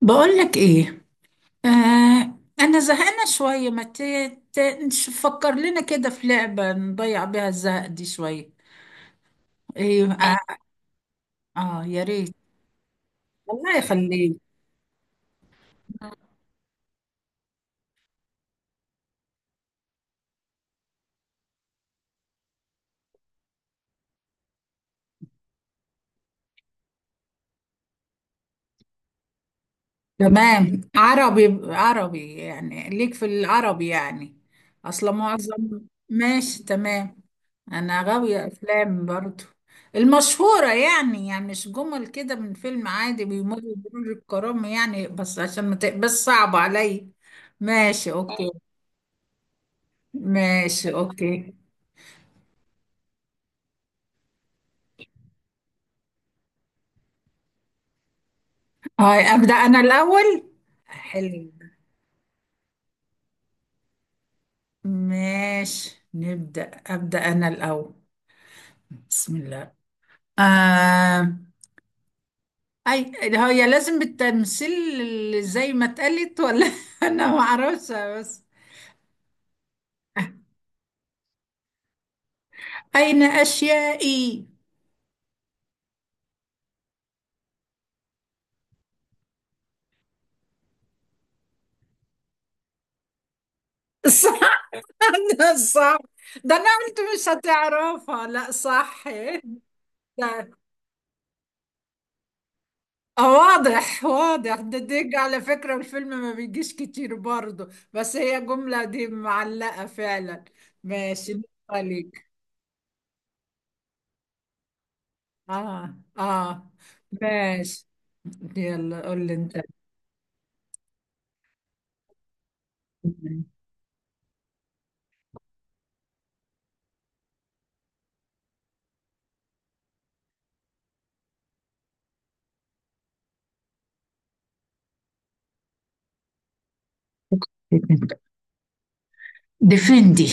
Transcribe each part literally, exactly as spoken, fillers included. بقولك ايه؟ آه انا زهقانه شويه. ما ت- ت- نفكر لنا كده في لعبه نضيع بيها الزهق دي شويه. ايه اه، آه يا ريت. الله يخليك. تمام، عربي عربي، يعني ليك في العربي يعني، اصلا معظم. ماشي تمام. انا غاويه افلام برضو. المشهوره يعني يعني مش جمل كده من فيلم عادي بيمر بمرور الكرام، يعني، بس عشان ما تبقاش صعب عليا. ماشي اوكي. ماشي اوكي. هاي ابدا انا الاول. حلو. ماشي نبدا ابدا انا الاول. بسم الله. آه. اي. هي لازم بالتمثيل زي ما اتقالت ولا انا ما اعرفش بس. اين اشيائي. صح. ده صح. ده انا قلت مش هتعرفها، لا، صح. اه، واضح واضح ده ديج. على فكرة الفيلم ما بيجيش كتير برضه، بس هي الجملة دي معلقة فعلا. ماشي، نقطة ليك. اه اه، ماشي. يلا قول لي انت. ديفندي.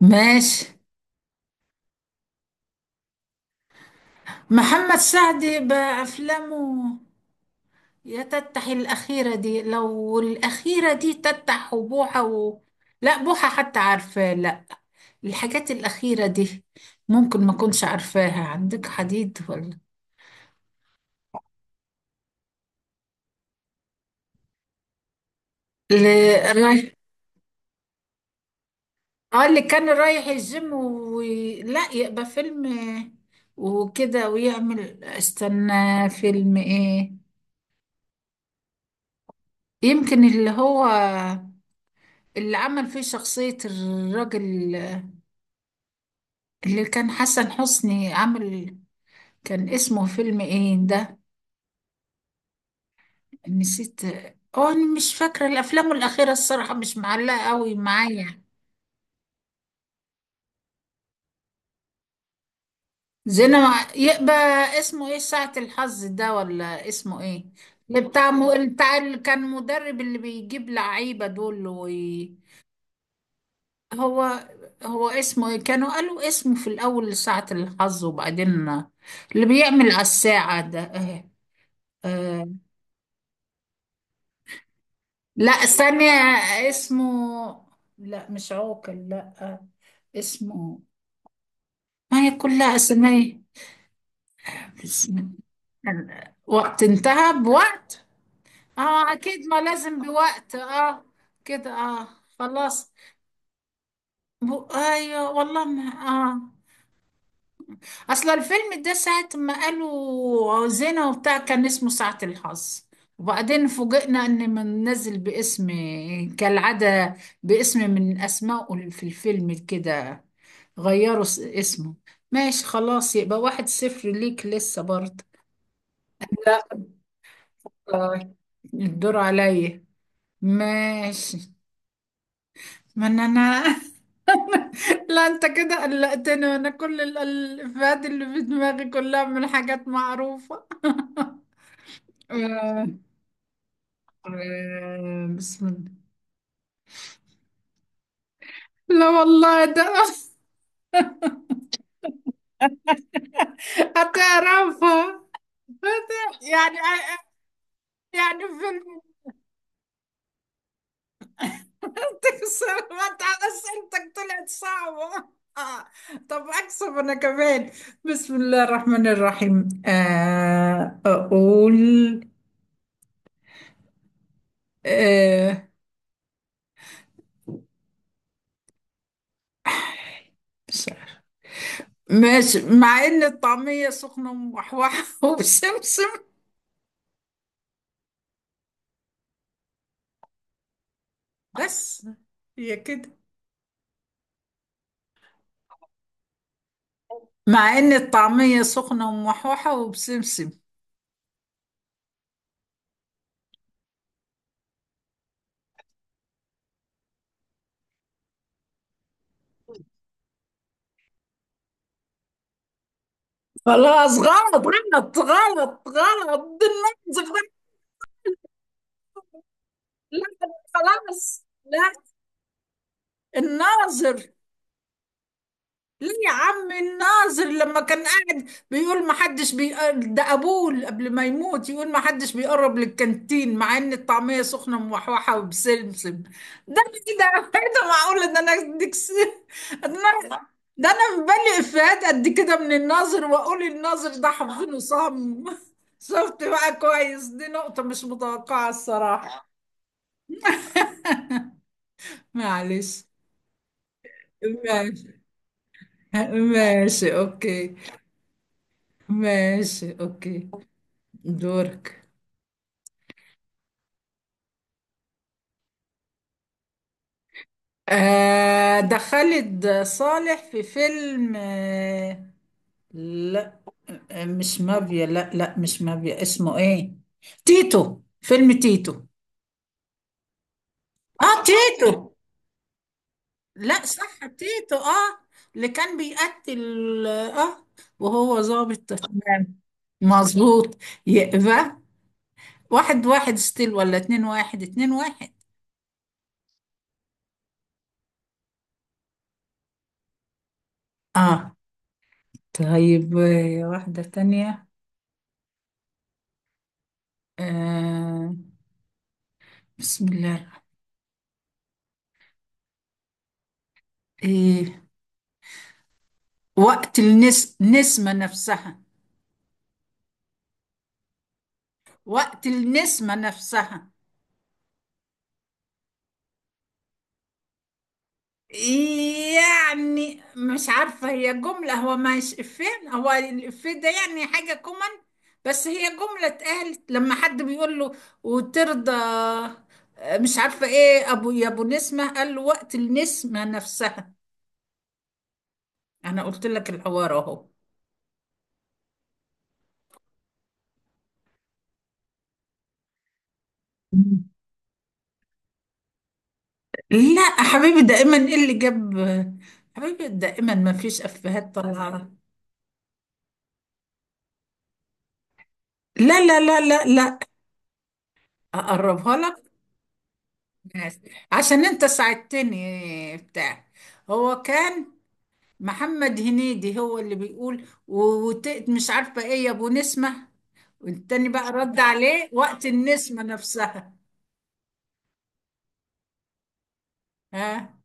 ماشي. محمد سعد بأفلامه. يا تتح الأخيرة دي، لو الأخيرة دي تتح وبوحة و... لا، بوحة حتى عارفة، لا. الحاجات الأخيرة دي ممكن ما كنتش عارفاها. عندك حديد ولا؟ اللي رايح، اه، اللي كان رايح الجيم و... لا، يبقى فيلم وكده ويعمل استنى. فيلم ايه؟ يمكن اللي هو اللي عمل فيه شخصية الراجل اللي كان حسن حسني عمل. كان اسمه فيلم ايه ده، نسيت. اه، انا مش فاكرة الافلام الاخيرة الصراحة مش معلقة قوي معايا. زينة مع- يبقى اسمه ايه، ساعة الحظ ده ولا اسمه ايه؟ اللي بتاع، م... بتاع اللي كان مدرب اللي بيجيب لعيبة دول وي... هو. هو اسمه ايه، كانوا قالوا اسمه في الأول ساعة الحظ، وبعدين اللي بيعمل على الساعة ده، اه. اه. لا، ثانية، اسمه. لا، مش عوكل، لا، آه، اسمه، ما هي كلها أسماء. بسم الله. وقت انتهى بوقت. اه، اكيد، ما لازم بوقت، اه، كده، اه. خلاص. بو... ايوه، والله ما اه، اصل الفيلم ده ساعة ما قالوا زينة وبتاع كان اسمه ساعة الحظ، وبعدين فوجئنا ان منزل باسم، كالعادة، باسم من اسمائه في الفيلم كده، غيروا اس- اسمه. ماشي خلاص، يبقى واحد صفر ليك لسه برضه. لا، آه، الدور عليا. ماشي. ما انا أنا لا انت كده قلقتني، وانا كل ال- الافيهات اللي في دماغي كلها من حاجات معروفة. آه، آه، بسم الله. لا والله ده هتعرفها. هت- يعني آه، آه، يعني فيلم. تكسر، ما تع- اسئلتك طلعت صعبة. آه. طب اكسب انا كمان. بسم الله الرحمن الرحيم. آه، اقول. آه، بس. ماشي، مع ان الطعمية سخنة وموحوحة وبسمسم. بس. هي كده. مع ان الطعمية سخنة وموحوحة وبسمسم. خلاص، غلط غلط غلط غلط، دي الناظر ده. لا خلاص، لا، الناظر. ليه يا عم الناظر لما كان قاعد بيقول ما حدش بيقرب، ده ابوه قبل ما يموت يقول ما حدش بيقرب للكانتين مع ان الطعميه سخنه موحوحه وبسمسم. ده. ايه ده؟ إيه ده، معقول ان انا اديك س- ده انا، ده أنا في بالي افيهات قد كده من الناظر، واقول الناظر ده حافظينه صم. شفت بقى كويس، دي نقطه مش متوقعه الصراحه. معلش. ماشي. ماشي اوكي. ماشي اوكي. دورك. آه ده خالد صالح في فيلم. آه لا، آه، مش مافيا، لا لا مش مافيا، اسمه ايه؟ تيتو، فيلم تيتو. اه، تيتو. لا صح، تيتو، اه. اللي كان بيقتل، اه، وهو ظابط. تمام، مظبوط. يبقى واحد واحد ستيل، ولا اتنين واحد، اتنين واحد. اه. طيب، آه، واحدة تانية. آه بسم الله. إيه، وقت النس... النسمة نفسها. وقت النسمة نفسها. يعني مش عارفة، هي جملة، هو مش إفيه. هو الإفيه ده يعني حاجة كومن، بس هي جملة اتقالت لما حد بيقول له: وترضى؟ آه، مش عارفة إيه، أبو، يا أبو نسمة، قال له: وقت النسمة نفسها. أنا قلت لك الحوار أهو. مم. لا حبيبي دائما، ايه اللي جاب حبيبي دائما، ما فيش افيهات طالعه. لا لا لا لا لا. اقربها لك، عشان انت ساعدتني بتاع. هو كان، محمد هنيدي هو اللي بيقول و- وت... مش عارفه ايه يا ابو نسمه، والتاني بقى رد عليه: وقت النسمه نفسها. ها.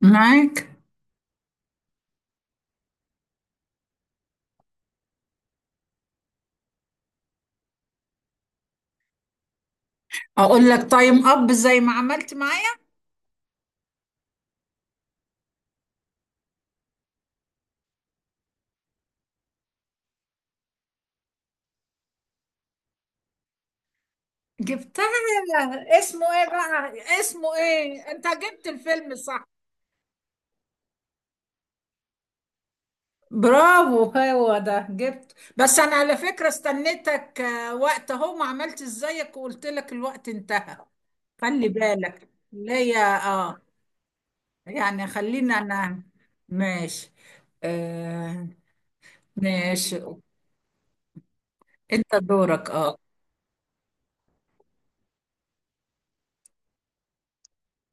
معاك. اقول لك تايم اب زي ما عملت معايا. جبتها؟ اسمه ايه بقى، اسمه ايه، انت جبت الفيلم صح. برافو، هو ده، جبت. بس انا على فكرة استنيتك، آه، وقت اهو ما عملت ازيك وقلت لك الوقت انتهى. خلي بالك ليا. اه، يعني خلينا، انا ماشي. آه ماشي. انت دورك، اه.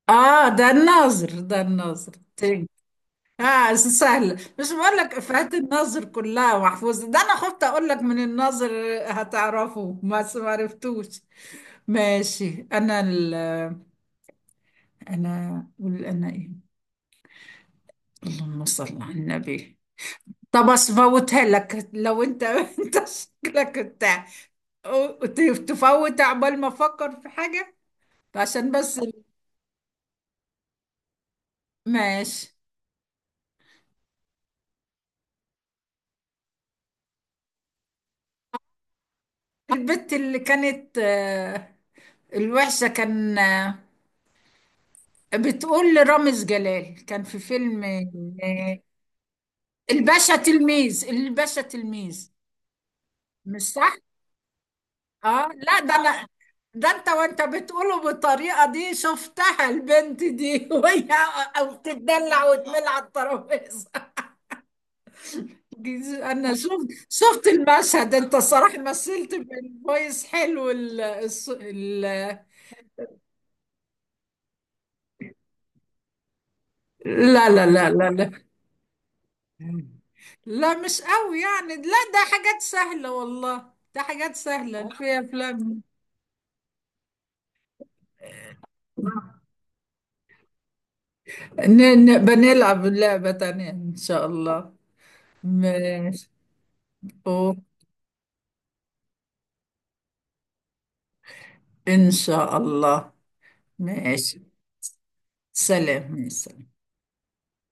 اه، ده الناظر، ده الناظر تاني. اه، سهلة، مش بقول لك افيهات الناظر كلها محفوظة، ده انا خفت اقول لك من الناظر. هتعرفه بس ما عرفتوش. ماشي. انا ال انا أقول انا ايه؟ اللهم صل على النبي. طب افوتها لك، لو انت انت شكلك بتاع تفوت عقبال ما افكر في حاجة، عشان بس ال- ماشي. البت اللي كانت، آه، الوحشة، كان آه، بتقول لرامز جلال، كان في فيلم آه، الباشا تلميذ، الباشا تلميذ. مش صح؟ اه لا، ده انا، ده انت وانت بتقوله بالطريقه دي، شفتها البنت دي وهي بتتدلع وتمل على الترابيزه. جيز- انا شفت شفت المشهد. انت الصراحه مثلت بالفويس حلو. ال... الص- ال... لا لا لا لا لا، لا مش قوي يعني، لا ده حاجات سهله والله، ده حاجات سهله في افلام. ن- ن- بنلعب لعبه تانيه ان شاء الله. ماشي. إن شاء الله. ماشي. سلام، مع السلامة.